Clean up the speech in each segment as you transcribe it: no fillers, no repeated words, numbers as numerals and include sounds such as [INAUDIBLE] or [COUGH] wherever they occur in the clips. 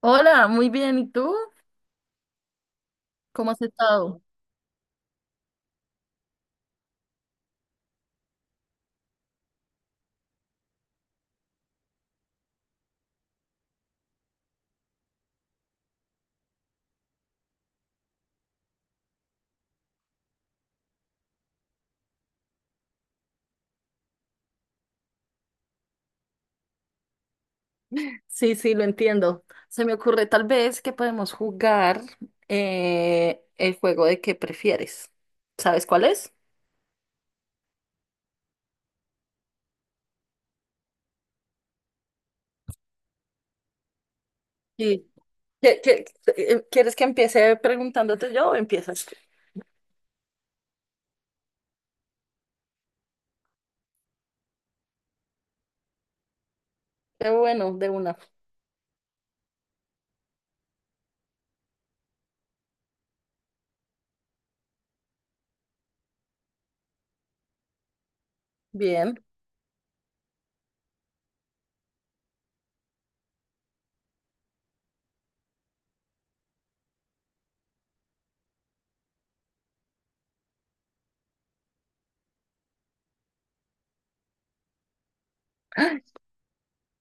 Hola, muy bien. ¿Y tú? ¿Cómo has estado? Sí, sí, lo entiendo. Se me ocurre tal vez que podemos jugar el juego de qué prefieres. ¿Sabes cuál es? Sí. ¿Qué- qué- Quieres que empiece preguntándote yo o empiezas? Qué bueno, de una. Bien.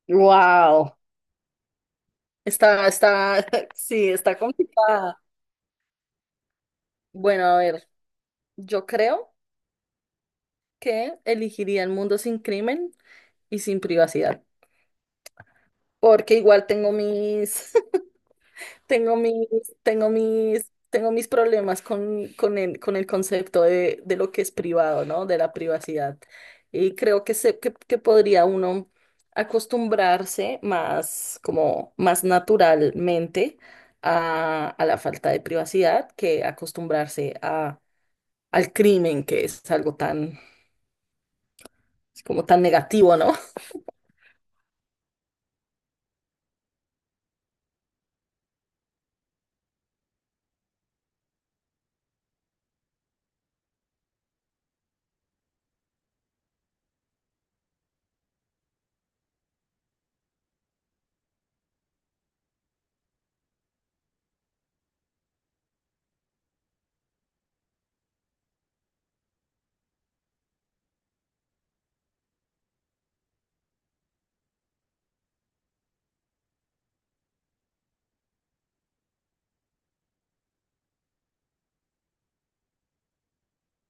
Wow. Está [LAUGHS] sí, está complicada. Bueno, a ver, yo creo que elegiría el mundo sin crimen y sin privacidad, porque igual tengo mis. Tengo mis, tengo mis problemas con, con el concepto de lo que es privado, ¿no? De la privacidad. Y creo que podría uno acostumbrarse más, como más naturalmente a la falta de privacidad que acostumbrarse a, al crimen, que es algo tan, como tan negativo, ¿no?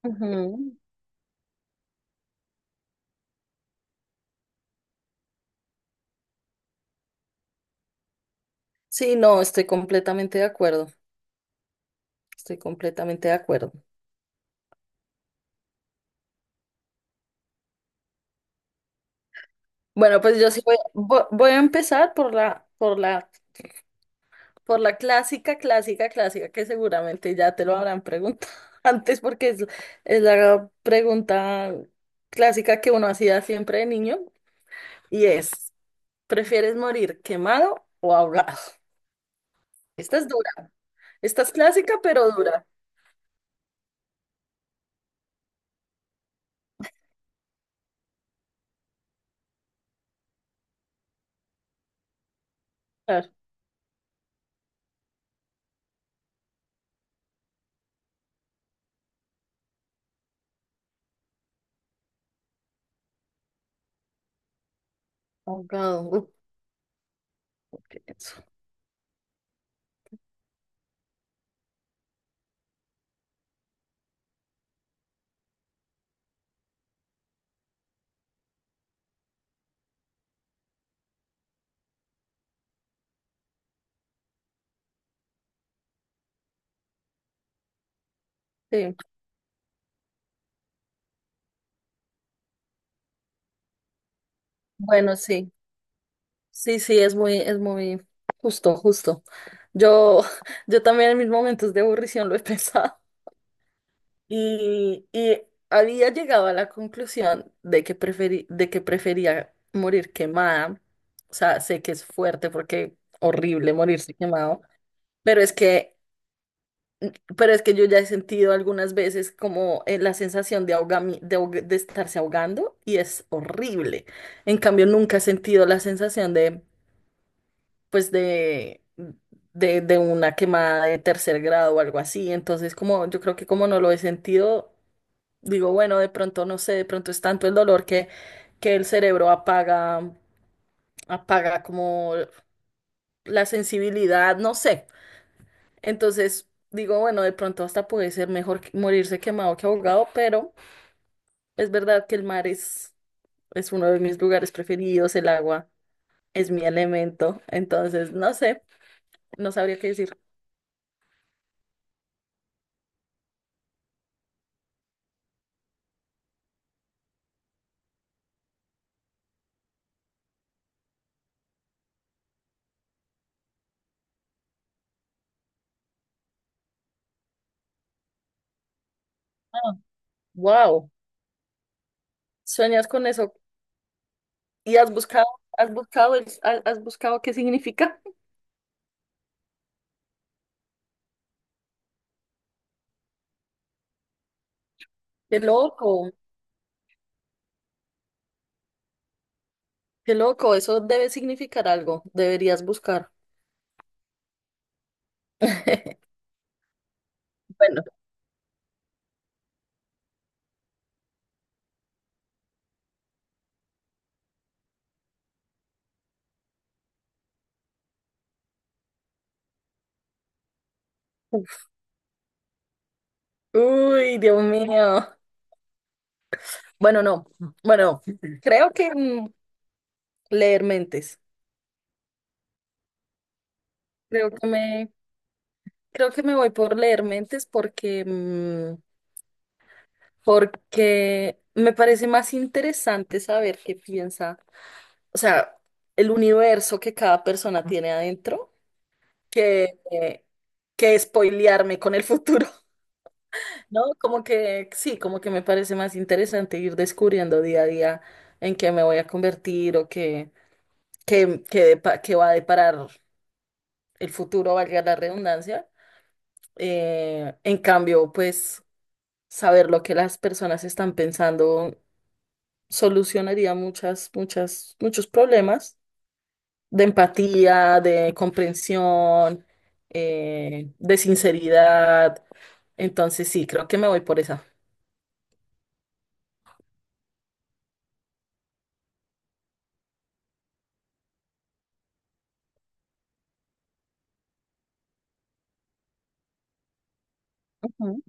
Ujú. Sí, no, estoy completamente de acuerdo. Estoy completamente de acuerdo. Bueno, pues yo sí voy a empezar por la, por la, por la clásica, que seguramente ya te lo habrán preguntado [LAUGHS] antes porque es la pregunta clásica que uno hacía siempre de niño y es, ¿prefieres morir quemado o ahogado? Esta es dura, esta es clásica pero dura. A ahogado, uf, qué denso. Sí, bueno, sí, sí, sí, es muy justo, justo. Yo, [LAUGHS] yo también en mis momentos de aburrición lo he [LAUGHS] pensado. Y había llegado a la conclusión de de que prefería morir quemada. O sea, sé que es fuerte porque horrible morirse quemado, pero es que, pero es que yo ya he sentido algunas veces como la sensación de de estarse ahogando y es horrible. En cambio, nunca he sentido la sensación de, pues, de una quemada de tercer grado o algo así. Entonces, como yo creo que como no lo he sentido. Digo, bueno, de pronto, no sé, de pronto es tanto el dolor que el cerebro apaga, apaga como la sensibilidad, no sé. Entonces, digo, bueno, de pronto hasta puede ser mejor morirse quemado que ahogado, pero es verdad que el mar es uno de mis lugares preferidos, el agua es mi elemento. Entonces, no sé, no sabría qué decir. Wow, ¿sueñas con eso? ¿Y has buscado, has buscado qué significa? Qué loco. Qué loco, eso debe significar algo. Deberías buscar. [LAUGHS] Bueno. Uy, Dios mío. Bueno, no. Bueno, creo que leer mentes. Creo que me, Creo que me voy por leer mentes porque, porque me parece más interesante saber qué piensa, o sea, el universo que cada persona tiene adentro que, eh, que spoilearme con el futuro. No, como que sí, como que me parece más interesante ir descubriendo día a día en qué me voy a convertir o qué, qué va a deparar el futuro, valga la redundancia. En cambio, pues saber lo que las personas están pensando solucionaría muchos problemas de empatía, de comprensión, de sinceridad. Entonces sí, creo que me voy por esa. Ujú,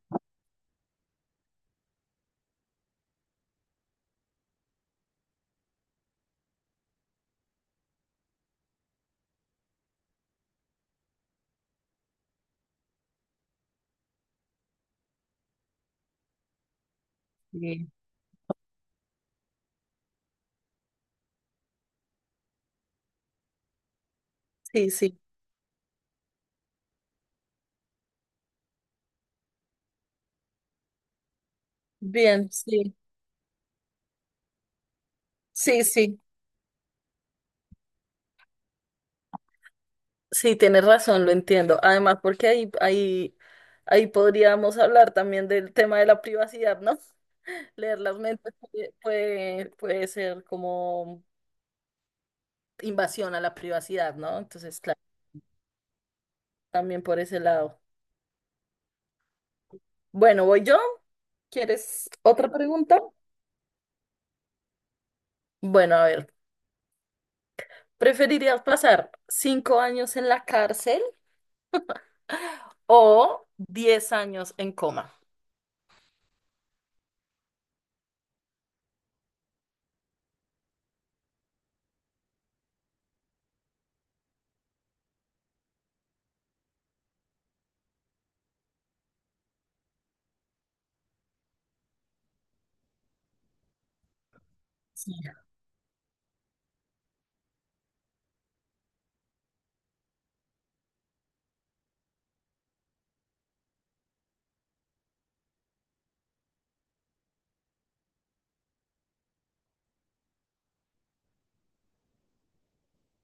sí, sí, sí. Bien, sí, sí, sí, sí, tienes razón, lo entiendo. Además, porque ahí podríamos hablar también del tema de la privacidad, ¿no? [LAUGHS] Leer las mentes puede ser como invasión a la privacidad, ¿no? Entonces, claro, también por ese lado. Bueno, voy yo. ¿Quieres otra pregunta? Bueno, a ver. ¿Preferirías pasar 5 años en la cárcel o 10 años en coma? Sí.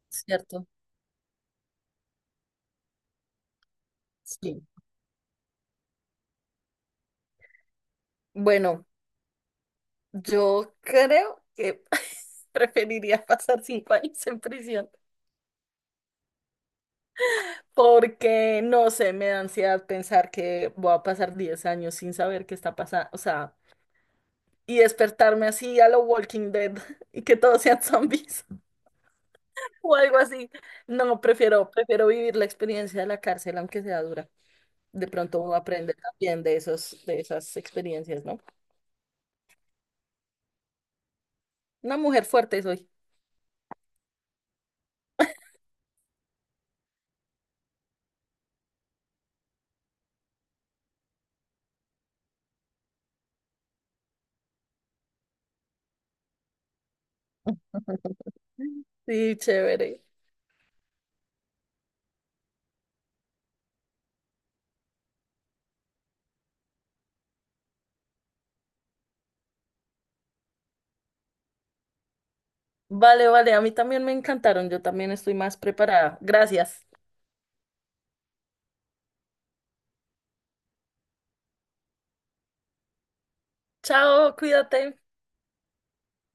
¿Cierto? Sí. Bueno, yo creo que [LAUGHS] preferiría pasar 5 años en prisión porque, no sé, me da ansiedad pensar que voy a pasar 10 años sin saber qué está pasando, o sea, y despertarme así a lo Walking Dead [LAUGHS] y que todos sean zombies [LAUGHS] o algo así. No, prefiero, prefiero vivir la experiencia de la cárcel, aunque sea dura. De pronto uno aprende también de esos, de esas experiencias, ¿no? Una mujer fuerte soy. Sí, chévere. Vale, vale, a mí también me encantaron. Yo también estoy más preparada. Gracias. Chao, cuídate.